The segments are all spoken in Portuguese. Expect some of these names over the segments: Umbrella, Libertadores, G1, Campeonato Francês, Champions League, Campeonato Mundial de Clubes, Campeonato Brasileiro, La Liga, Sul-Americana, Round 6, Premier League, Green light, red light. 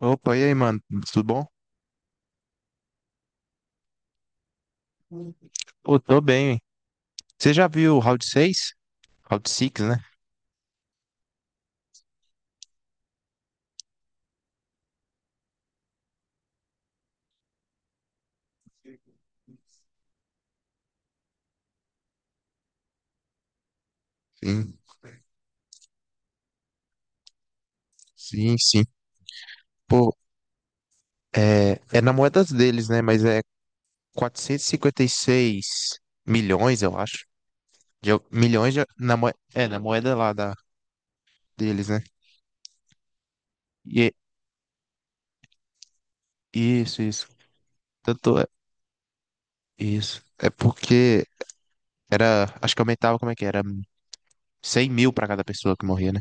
Opa, e aí, mano? Tudo bom? Pô, tô bem. Hein? Você já viu o Round 6? Round 6, né? Sim, sim, sim. Pô, é na moeda deles, né? Mas é 456 milhões, eu acho. De, milhões na moeda, é, na moeda lá da, deles, né? E, é, isso, isso. Tanto é, isso. É porque era, acho que aumentava, como é que era? 100 mil pra cada pessoa que morria, né?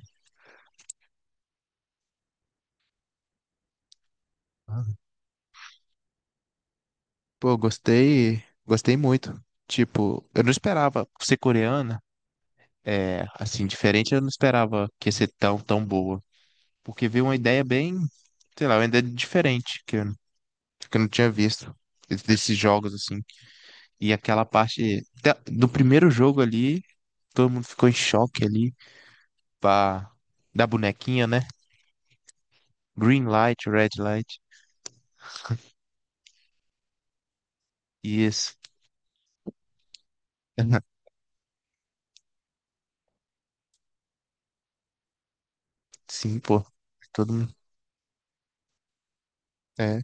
Pô, gostei, gostei muito. Tipo, eu não esperava ser coreana, é, assim, diferente, eu não esperava que ia ser tão, tão boa. Porque veio uma ideia bem, sei lá, uma ideia diferente que eu não tinha visto desses jogos, assim. E aquela parte do primeiro jogo ali, todo mundo ficou em choque ali, pá, da bonequinha, né? Green light, red light. Isso. Sim, pô. Todo mundo. É,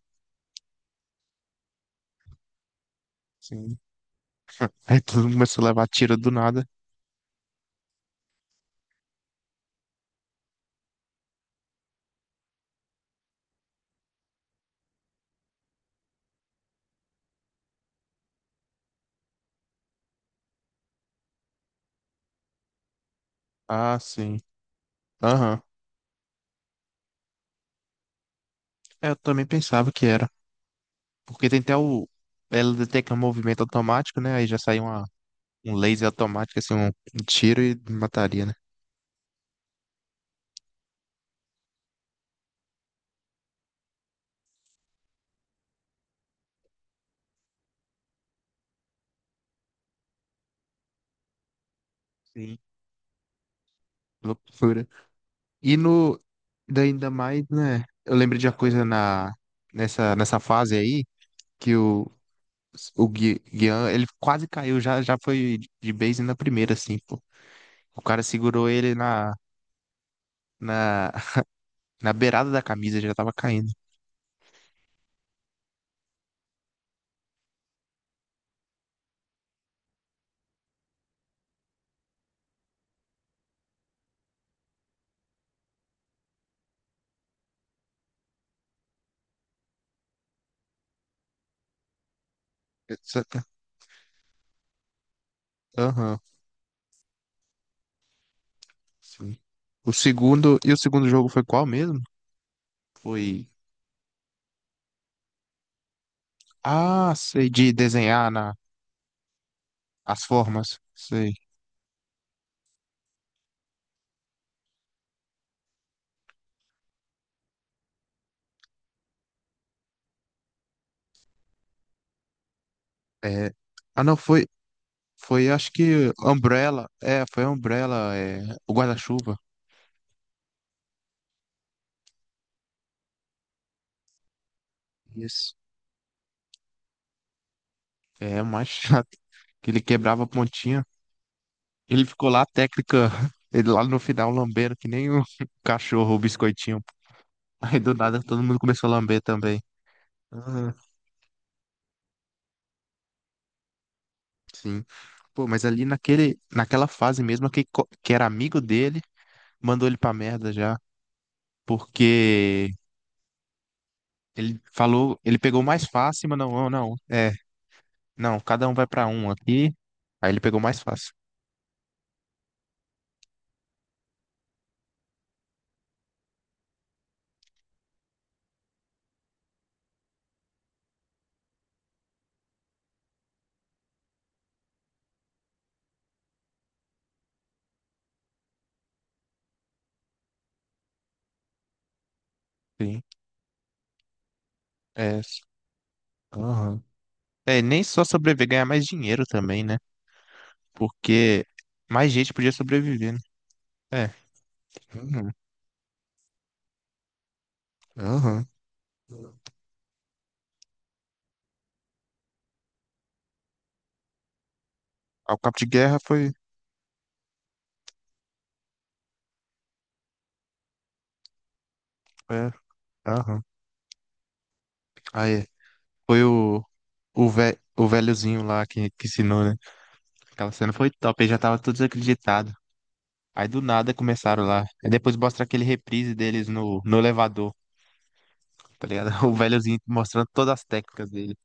sim. Aí todo mundo começou a levar tiro do nada. Ah, sim. Aham. É, eu também pensava que era. Porque tem até o. Ela detecta um movimento automático, né? Aí já sai um laser automático, assim, um tiro e mataria, né? Sim. Loucura. E no. Daí, ainda mais, né? Eu lembro de uma coisa nessa fase aí, que o Guian, ele quase caiu, já, já foi de base na primeira, assim, pô. O cara segurou ele na, na beirada da camisa, já tava caindo. Aham. Sim. O segundo jogo foi qual mesmo? Foi, ah, sei, de desenhar na, as formas, sei. É, ah, não, foi, acho que Umbrella, é, foi Umbrella, é, o guarda-chuva. Isso. É, o mais chato, que ele quebrava a pontinha. Ele ficou lá, a técnica, ele lá no final lambendo que nem o cachorro, o biscoitinho. Aí do nada todo mundo começou a lamber também. Ah, sim. Pô, mas ali naquela fase mesmo, que era amigo dele mandou ele pra merda já, porque ele falou, ele pegou o mais fácil, mas não, não, não, é, não, cada um vai pra um aqui, aí ele pegou o mais fácil. Sim, é, aham. É, nem só sobreviver, ganhar mais dinheiro também, né? Porque mais gente podia sobreviver, né? É, uhum, aham. Ah, o cabo de guerra foi, é, aham. Aí, foi o velhozinho lá que ensinou, né? Aquela cena foi top, ele já tava todo desacreditado. Aí do nada começaram lá. Aí depois mostra aquele reprise deles no elevador, tá ligado? O velhozinho mostrando todas as técnicas dele.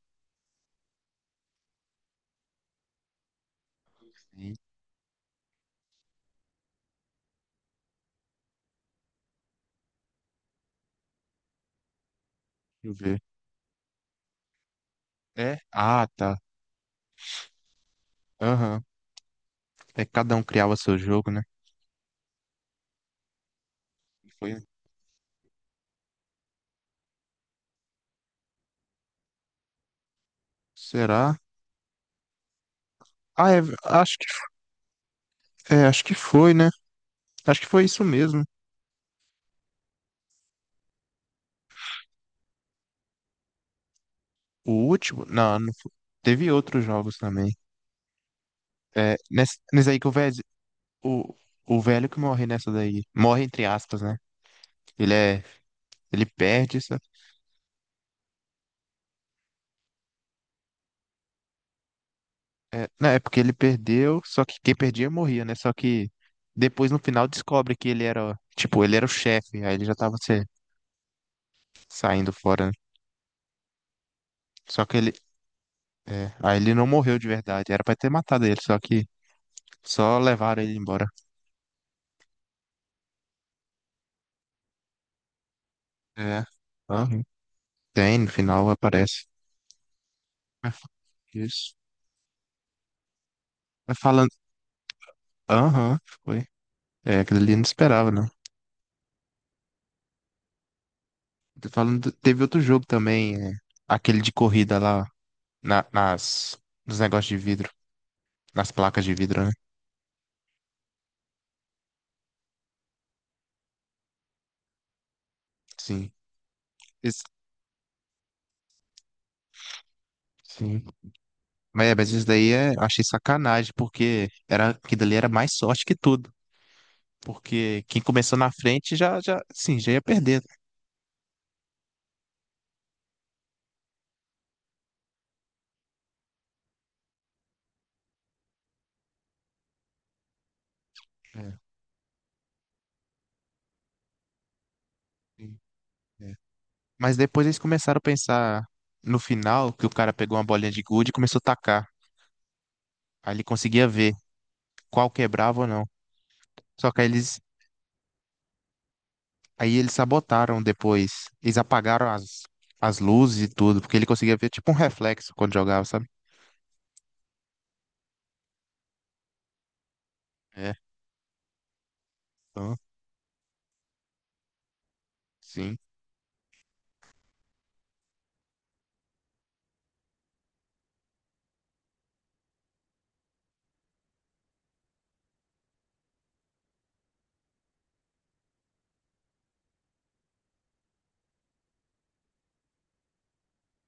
Sim, deixa eu ver. É? Ah, tá. Aham. É que cada um criava seu jogo, né? Foi. Será? Ah, acho que, é, acho que foi, né? Acho que foi isso mesmo. O último? Não, não foi. Teve outros jogos também. É, nessa aí que o velho, o, o velho que morre nessa daí. Morre entre aspas, né? Ele é, ele perde. É, não, é porque ele perdeu, só que quem perdia morria, né? Só que depois no final descobre que ele era, tipo, ele era o chefe, aí ele já tava saindo fora, né? Só que ele, é, aí ele não morreu de verdade, era pra ter matado ele, só que só levaram ele embora. É, aham. Tem, no final aparece. Mas fa- Isso. Mas falando, aham, foi. É, aquele ali eu não esperava, não. Tô falando, teve outro jogo também, é, aquele de corrida lá, na- nas, nos negócios de vidro, nas placas de vidro, né? Sim. Isso- Sim. Mas isso daí é, eu achei sacanagem, porque era, aquilo ali era mais sorte que tudo. Porque quem começou na frente já, já, sim, já ia perder. É, sim, é. Mas depois eles começaram a pensar no final, que o cara pegou uma bolinha de gude e começou a tacar. Aí ele conseguia ver qual quebrava ou não. Só que aí eles sabotaram depois. Eles apagaram as luzes e tudo, porque ele conseguia ver tipo um reflexo quando jogava, sabe? É, então, sim.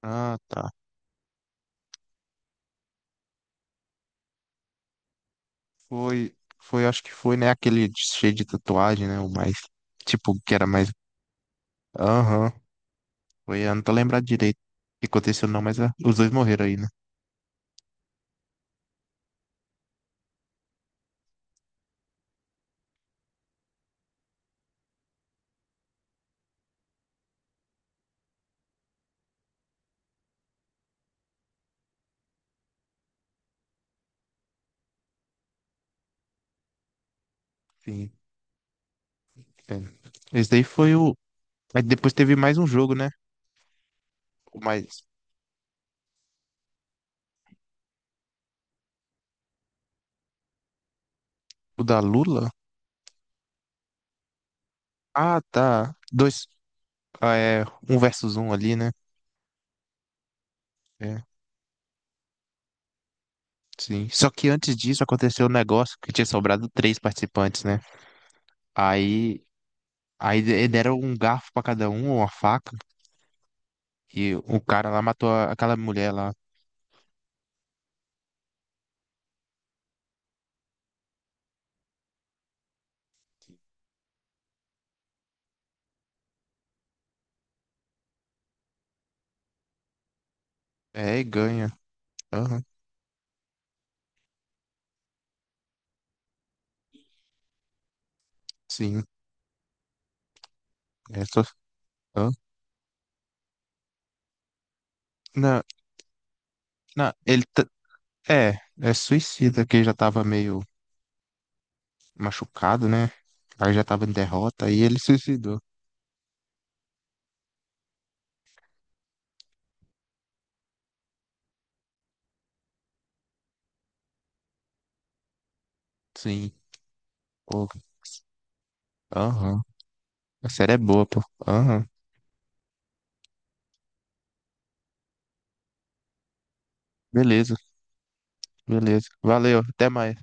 Ah, tá. Foi, foi, acho que foi, né? Aquele cheio de tatuagem, né? O mais, tipo, que era mais. Aham, foi, eu não tô lembrado direito o que aconteceu, não, mas ah, os dois morreram aí, né? Sim, é. Esse daí foi o. Aí depois teve mais um jogo, né? O mais. O da Lula? Ah, tá. Dois. Ah, é. Um versus um ali, né? É. Sim. Só que antes disso aconteceu um negócio que tinha sobrado três participantes, né? Aí, aí deram um garfo pra cada um, uma faca, e o cara lá matou aquela mulher lá. É, e ganha. Aham, sim. É, só... Hã? Não, não, é, é suicida, que ele já tava meio machucado, né? Aí já tava em derrota, aí ele suicidou. Sim. Pô, aham. A série é boa, pô. Aham. Beleza, beleza. Valeu, até mais.